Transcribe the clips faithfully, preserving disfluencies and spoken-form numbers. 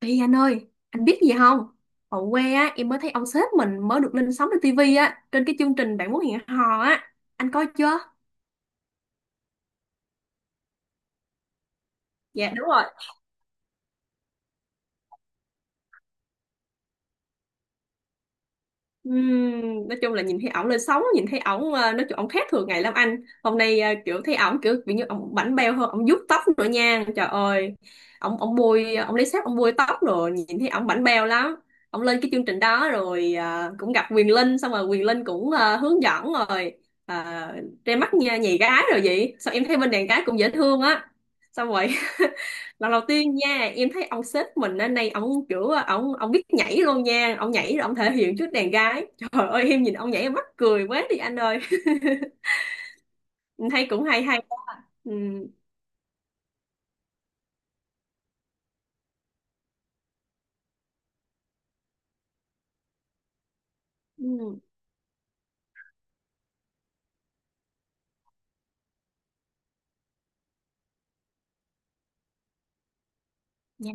Ê anh ơi, anh biết gì không? Ở quê á, em mới thấy ông sếp mình mới được lên sóng trên tivi á, trên cái chương trình Bạn muốn hẹn hò á. Anh coi chưa? Dạ đúng rồi. Ừm, nói chung là nhìn thấy ổng lên sóng, nhìn thấy ổng ờ, nói chung ổng khác thường ngày lắm anh, hôm nay ờ, kiểu thấy ổng kiểu bị như ổng bảnh bao hơn, ổng vuốt tóc nữa nha, trời ơi, ổng ổng bôi, ổng lấy sáp ổng bôi tóc, rồi nhìn thấy ổng bảnh bao lắm. Ổng lên cái chương trình đó rồi, ờ, cũng gặp Quyền Linh, xong rồi Quyền Linh cũng ờ, hướng dẫn rồi uh, ra mắt nha nhì gái rồi, vậy sao em thấy bên đàn gái cũng dễ thương á. Xong rồi lần đầu tiên nha, em thấy ông sếp mình hôm nay ông kiểu ông ông biết nhảy luôn nha, ông nhảy rồi ông thể hiện trước đàn gái, trời ơi em nhìn ông nhảy em mắc cười quá đi anh ơi. Em thấy cũng hay hay. Ừ. Ừ. Dạ,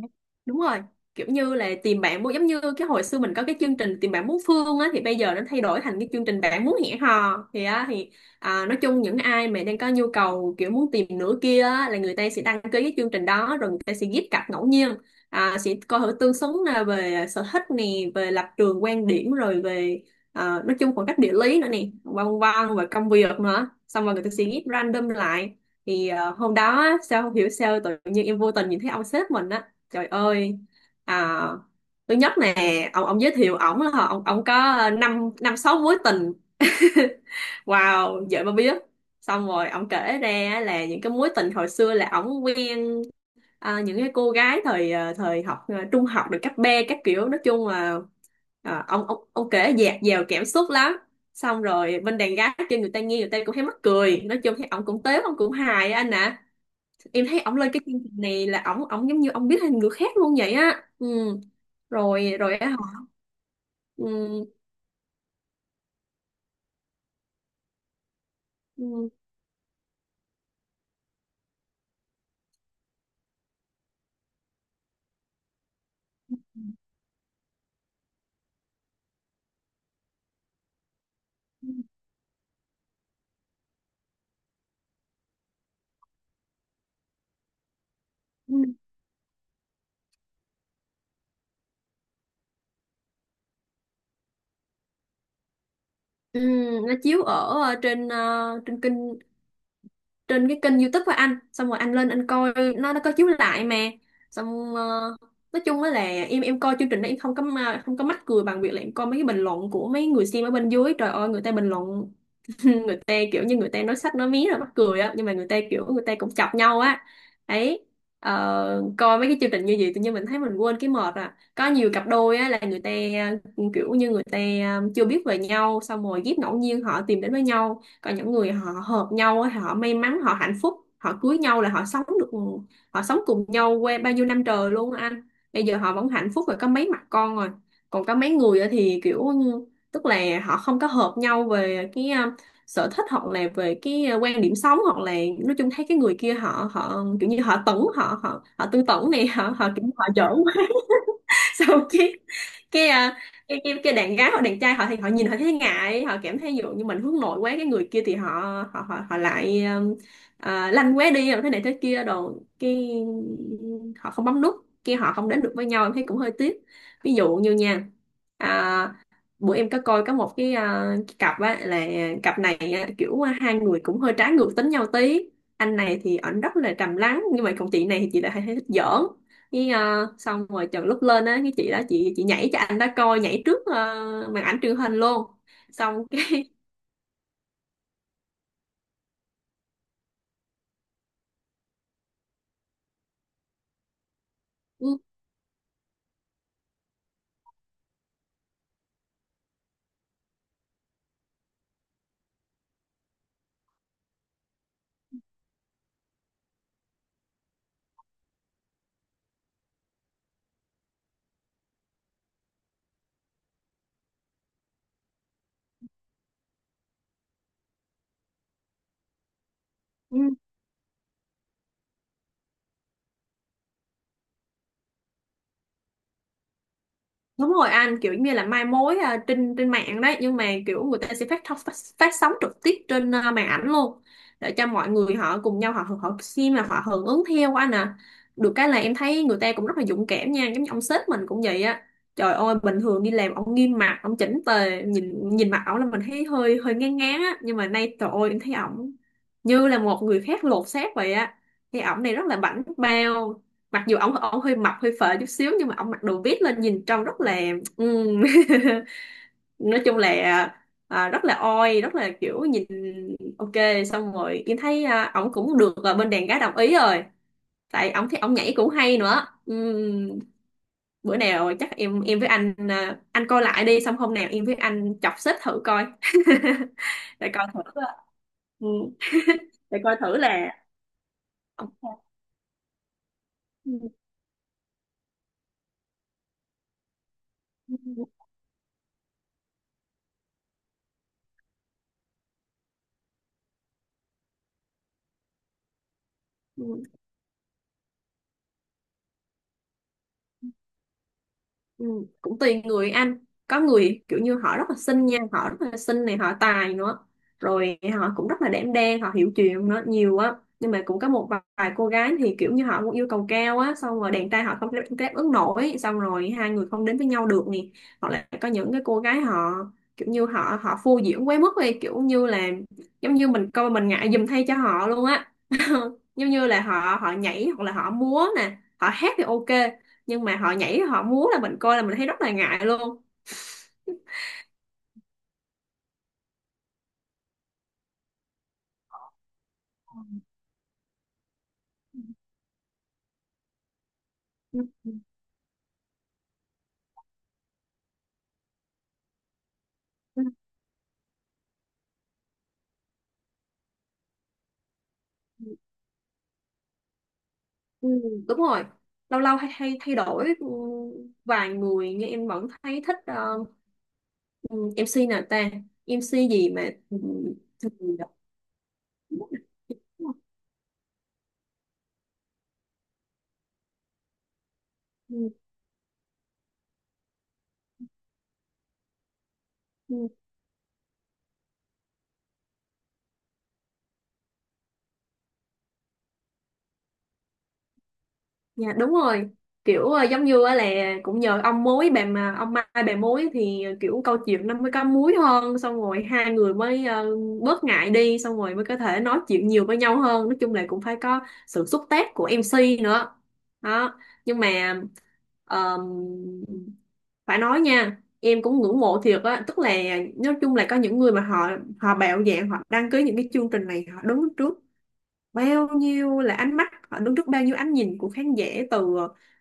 đúng rồi, kiểu như là tìm bạn muốn giống như cái hồi xưa mình có cái chương trình tìm bạn muốn phương á, thì bây giờ nó thay đổi thành cái chương trình bạn muốn hẹn hò thì á thì à, nói chung những ai mà đang có nhu cầu kiểu muốn tìm nửa kia á, là người ta sẽ đăng ký cái chương trình đó, rồi người ta sẽ ghép cặp ngẫu nhiên, à, sẽ coi thử tương xứng là về sở thích nè, về lập trường quan điểm, rồi về à, nói chung khoảng cách địa lý nữa nè, vân vân và công việc nữa, xong rồi người ta sẽ ghép random lại. Thì ờ, hôm đó á, sao không hiểu sao tự nhiên em vô tình nhìn thấy ông sếp mình á. Trời ơi. À, thứ nhất nè, ông ông giới thiệu ổng là ông ông có ờ, năm năm sáu mối tình. Wow, vậy mà biết. Xong rồi ông kể ra là những cái mối tình hồi xưa là ổng quen à, những cái cô gái thời à, thời học à, trung học được cấp B các kiểu, nói chung là à, ông ông ông kể dạt dào cảm xúc lắm. Xong rồi bên đàn gái kia người ta nghe, người ta cũng thấy mắc cười, nói chung thấy ổng cũng tếu, ổng cũng hài á anh ạ. Em thấy ổng lên cái chương trình này là ổng ổng giống như ông biết thêm người khác luôn vậy á. Ừ, rồi rồi á hả. Ừ, ừ, ừ, ừ, nó chiếu ở ờ, trên ờ, trên kênh, trên cái kênh YouTube của anh, xong rồi anh lên anh coi, nó nó có chiếu lại mà. Xong ờ, nói chung á là em em coi chương trình đó em không có ma- không có mắc cười bằng việc là em coi mấy cái bình luận của mấy người xem ở bên dưới, trời ơi người ta bình luận nên người ta kiểu như người ta nói sách nói mí là mắc cười á, nhưng mà người ta kiểu người ta cũng chọc nhau á ấy. Ờ, coi mấy cái chương trình như vậy tự nhiên mình thấy mình quên cái mệt, à có nhiều cặp đôi á là người ta, ừ, kiểu như người ta, ừ, chưa biết về nhau xong rồi ghép ngẫu nhiên họ tìm đến với nhau, còn những người họ hợp nhau á họ may mắn họ hạnh phúc họ cưới nhau là họ sống được, họ sống cùng nhau qua bao nhiêu năm trời luôn á anh, bây giờ họ vẫn hạnh phúc rồi có mấy mặt con rồi. Còn có mấy người á thì kiểu như, tức là họ không có hợp nhau về cái um, sở thích, hoặc là về cái ờ, quan điểm sống, hoặc là nói chung thấy cái người kia họ họ kiểu như họ tẩn họ họ họ tư tưởng này họ họ kiểu họ giỡn, xong cái cái à, cái cái, cái đàn gái hoặc đàn trai họ thì họ nhìn họ thấy ngại, họ cảm thấy ví dụ như mình hướng nội quá, cái người kia thì họ họ họ, họ lại um, à, lanh quá đi rồi thế này thế kia đồ, cái họ không bấm nút kia, họ không đến được với nhau, em thấy cũng hơi tiếc. Ví dụ như nha, à, bữa em có coi có một cái, à, cái cặp á là cặp này á, kiểu ờ, hai người cũng hơi trái ngược tính nhau tí, anh này thì ảnh rất là trầm lắng nhưng mà còn chị này thì chị lại hay thích giỡn, với ờ, xong rồi chừng lúc lên á cái chị đó chị chị nhảy cho anh đó coi, nhảy trước ờ, màn ảnh truyền hình luôn, xong cái đúng rồi anh, kiểu như là mai mối à, trên trên mạng đấy, nhưng mà kiểu người ta sẽ phát thóc- phát, phát sóng trực tiếp trên à, màn ảnh luôn để cho mọi người họ cùng nhau họ họ xem là họ hưởng ứng theo anh à. Được cái là em thấy người ta cũng rất là dũng cảm nha, giống như ông sếp mình cũng vậy á, trời ơi bình thường đi làm ông nghiêm mặt ông chỉnh tề, nhìn nhìn mặt ổng là mình thấy hơi hơi ngán ngán á, nhưng mà nay trời ơi em thấy ổng như là một người khác lột xác vậy á, thì ổng này rất là bảnh bao, mặc dù ổng ổng hơi mập hơi phệ chút xíu nhưng mà ổng mặc đồ vít lên nhìn trông rất là ừm, nói chung là à, rất là oi rất là kiểu nhìn ok. Xong rồi em thấy à, ổng cũng được à, bên đàn gái đồng ý rồi, tại ổng thấy ổng nhảy cũng hay nữa. Ừm, bữa nào chắc em em với anh à, anh coi lại đi, xong hôm nào em với anh chọc xếp thử coi. Để coi thử à, ừ, để coi thử là ổng sao. Ừ. Ừ, cũng tùy người anh, có người kiểu như họ rất là xinh nha, họ rất là xinh này họ tài nữa, rồi họ cũng rất là đảm đang họ hiểu chuyện nữa nhiều á, nhưng mà cũng có một vài cô gái thì kiểu như họ cũng yêu cầu cao á, xong rồi đàn trai họ không đáp, đáp ứng nổi, xong rồi hai người không đến với nhau được nè, hoặc là có những cái cô gái họ kiểu như họ họ phô diễn quá mức đi, kiểu như là giống như mình coi mình ngại giùm thay cho họ luôn á, giống như là họ họ nhảy hoặc là họ múa nè họ hát thì ok, nhưng mà họ nhảy họ múa là mình coi là mình thấy rất là ngại luôn. Ừ, ừ, ừ, đúng rồi, lâu lâu hay thay thay đổi, ừ, vài người nhưng em vẫn thấy thích ờ, ừ, em xê nào ta, em xê gì mà ừ, ừ, ừ, Dạ đúng rồi, kiểu ờ, giống như á là cũng nhờ ông mối bà mà ông Mai bà mối thì kiểu câu chuyện nó mới có múi hơn, xong rồi hai người mới ờ, bớt ngại đi, xong rồi mới có thể nói chuyện nhiều với nhau hơn, nói chung là cũng phải có sự xúc tác của em xê nữa đó. Nhưng mà ờm, phải nói nha em cũng ngưỡng mộ thiệt á, tức là nói chung là có những người mà họ họ bạo dạn họ đăng ký những cái chương trình này, họ đứng trước bao nhiêu là ánh mắt, họ đứng trước bao nhiêu ánh nhìn của khán giả, từ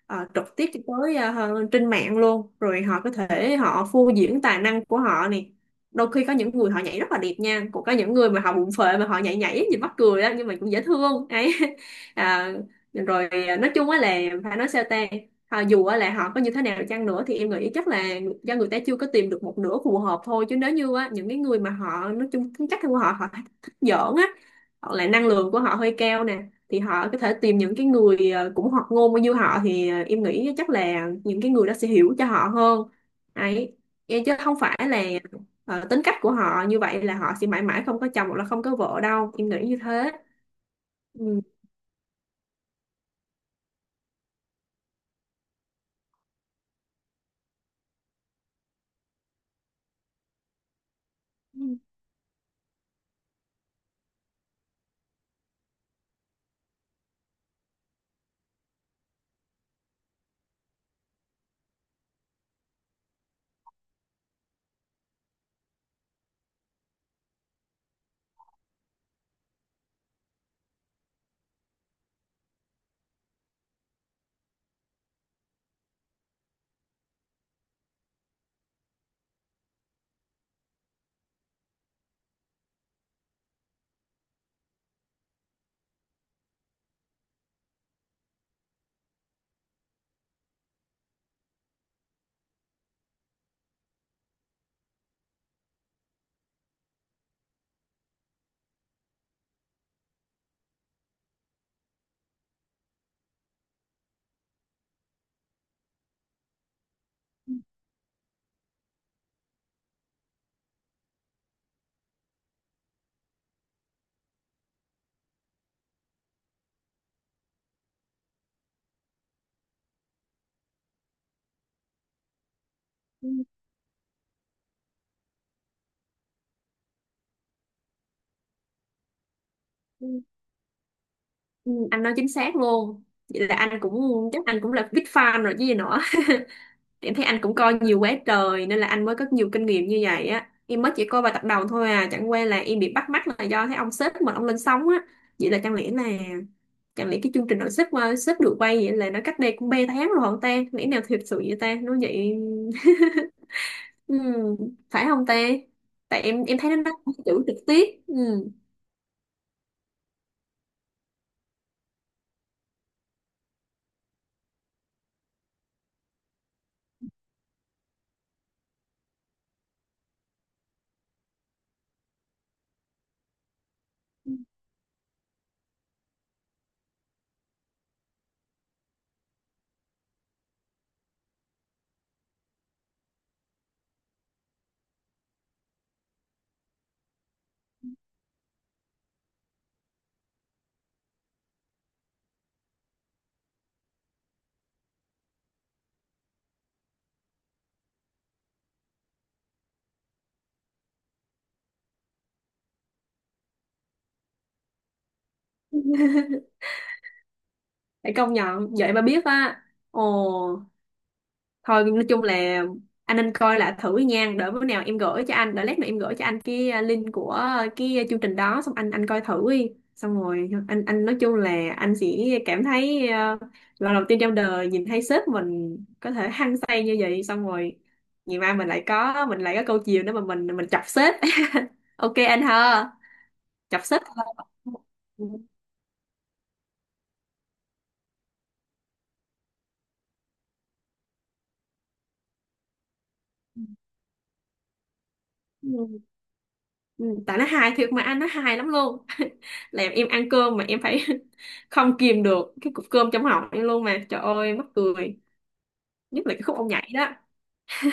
ờ, trực tiếp cho tới ờ, trên mạng luôn, rồi họ có thể họ phô diễn tài năng của họ này. Đôi khi có những người họ nhảy rất là đẹp nha, cũng có những người mà họ bụng phệ mà họ nhảy nhảy nhìn mắc cười đó, nhưng mà cũng dễ thương ấy. À, rồi ờ, nói chung á là phải nói sao ta. Họ dù á là họ có như thế nào chăng nữa thì em nghĩ chắc là do người ta chưa có tìm được một nửa phù hợp thôi, chứ nếu như á, những cái người mà họ nói chung tính cách của họ họ thích giỡn á, hoặc là năng lượng của họ hơi cao nè, thì họ có thể tìm những cái người ờ, cũng hoạt ngôn như họ, thì ờ, em nghĩ chắc là những cái người đó sẽ hiểu cho họ hơn ấy, chứ không phải là ờ, tính cách của họ như vậy là họ sẽ mãi mãi không có chồng hoặc là không có vợ đâu, em nghĩ như thế. Ừ. Ừ, ừ, ừ. Ừ, anh nói chính xác luôn, vậy là anh cũng, chắc anh cũng là big fan rồi chứ gì nữa. Em thấy anh cũng coi nhiều quá trời nên là anh mới có nhiều kinh nghiệm như vậy á. Em mới chỉ coi vài tập đầu thôi à, chẳng qua là em bị bắt mắt là do thấy ông sếp mình ông lên sóng á. Vậy là chẳng lẽ là chẳng lẽ cái chương trình nội sếp qua sếp được quay vậy là nó cách đây cũng ba tháng rồi không ta? Lẽ nào thiệt sự vậy ta? Nó vậy ừ, phải không ta? Tại em em thấy nó nói chữ trực tiếp. Ừ. Phải công nhận vậy mà biết á. Ồ thôi nói chung là anh nên coi lại thử nha, đỡ bữa nào em gửi cho anh, đỡ lát nữa em gửi cho anh cái ờ, link của cái chương trình đó, xong anh anh coi thử đi, xong rồi anh anh nói chung là anh sẽ cảm thấy ờ, lần đầu tiên trong đời nhìn thấy sếp mình có thể hăng say như vậy, xong rồi ngày mai mình lại có mình lại có câu chiều nữa mà mình mình chọc sếp. Ok anh ha, chọc sếp thôi. Ừ. Ừ, tại nó hài thiệt mà anh, nó hài lắm luôn, làm em ăn cơm mà em phải không kìm được cái cục cơm trong họng em luôn, mà trời ơi mắc cười, nhất là cái khúc ông nhảy đó.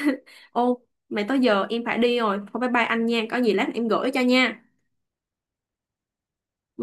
Ô mày tới giờ em phải đi rồi, thôi bye bye anh nha, có gì lát em gửi cho nha.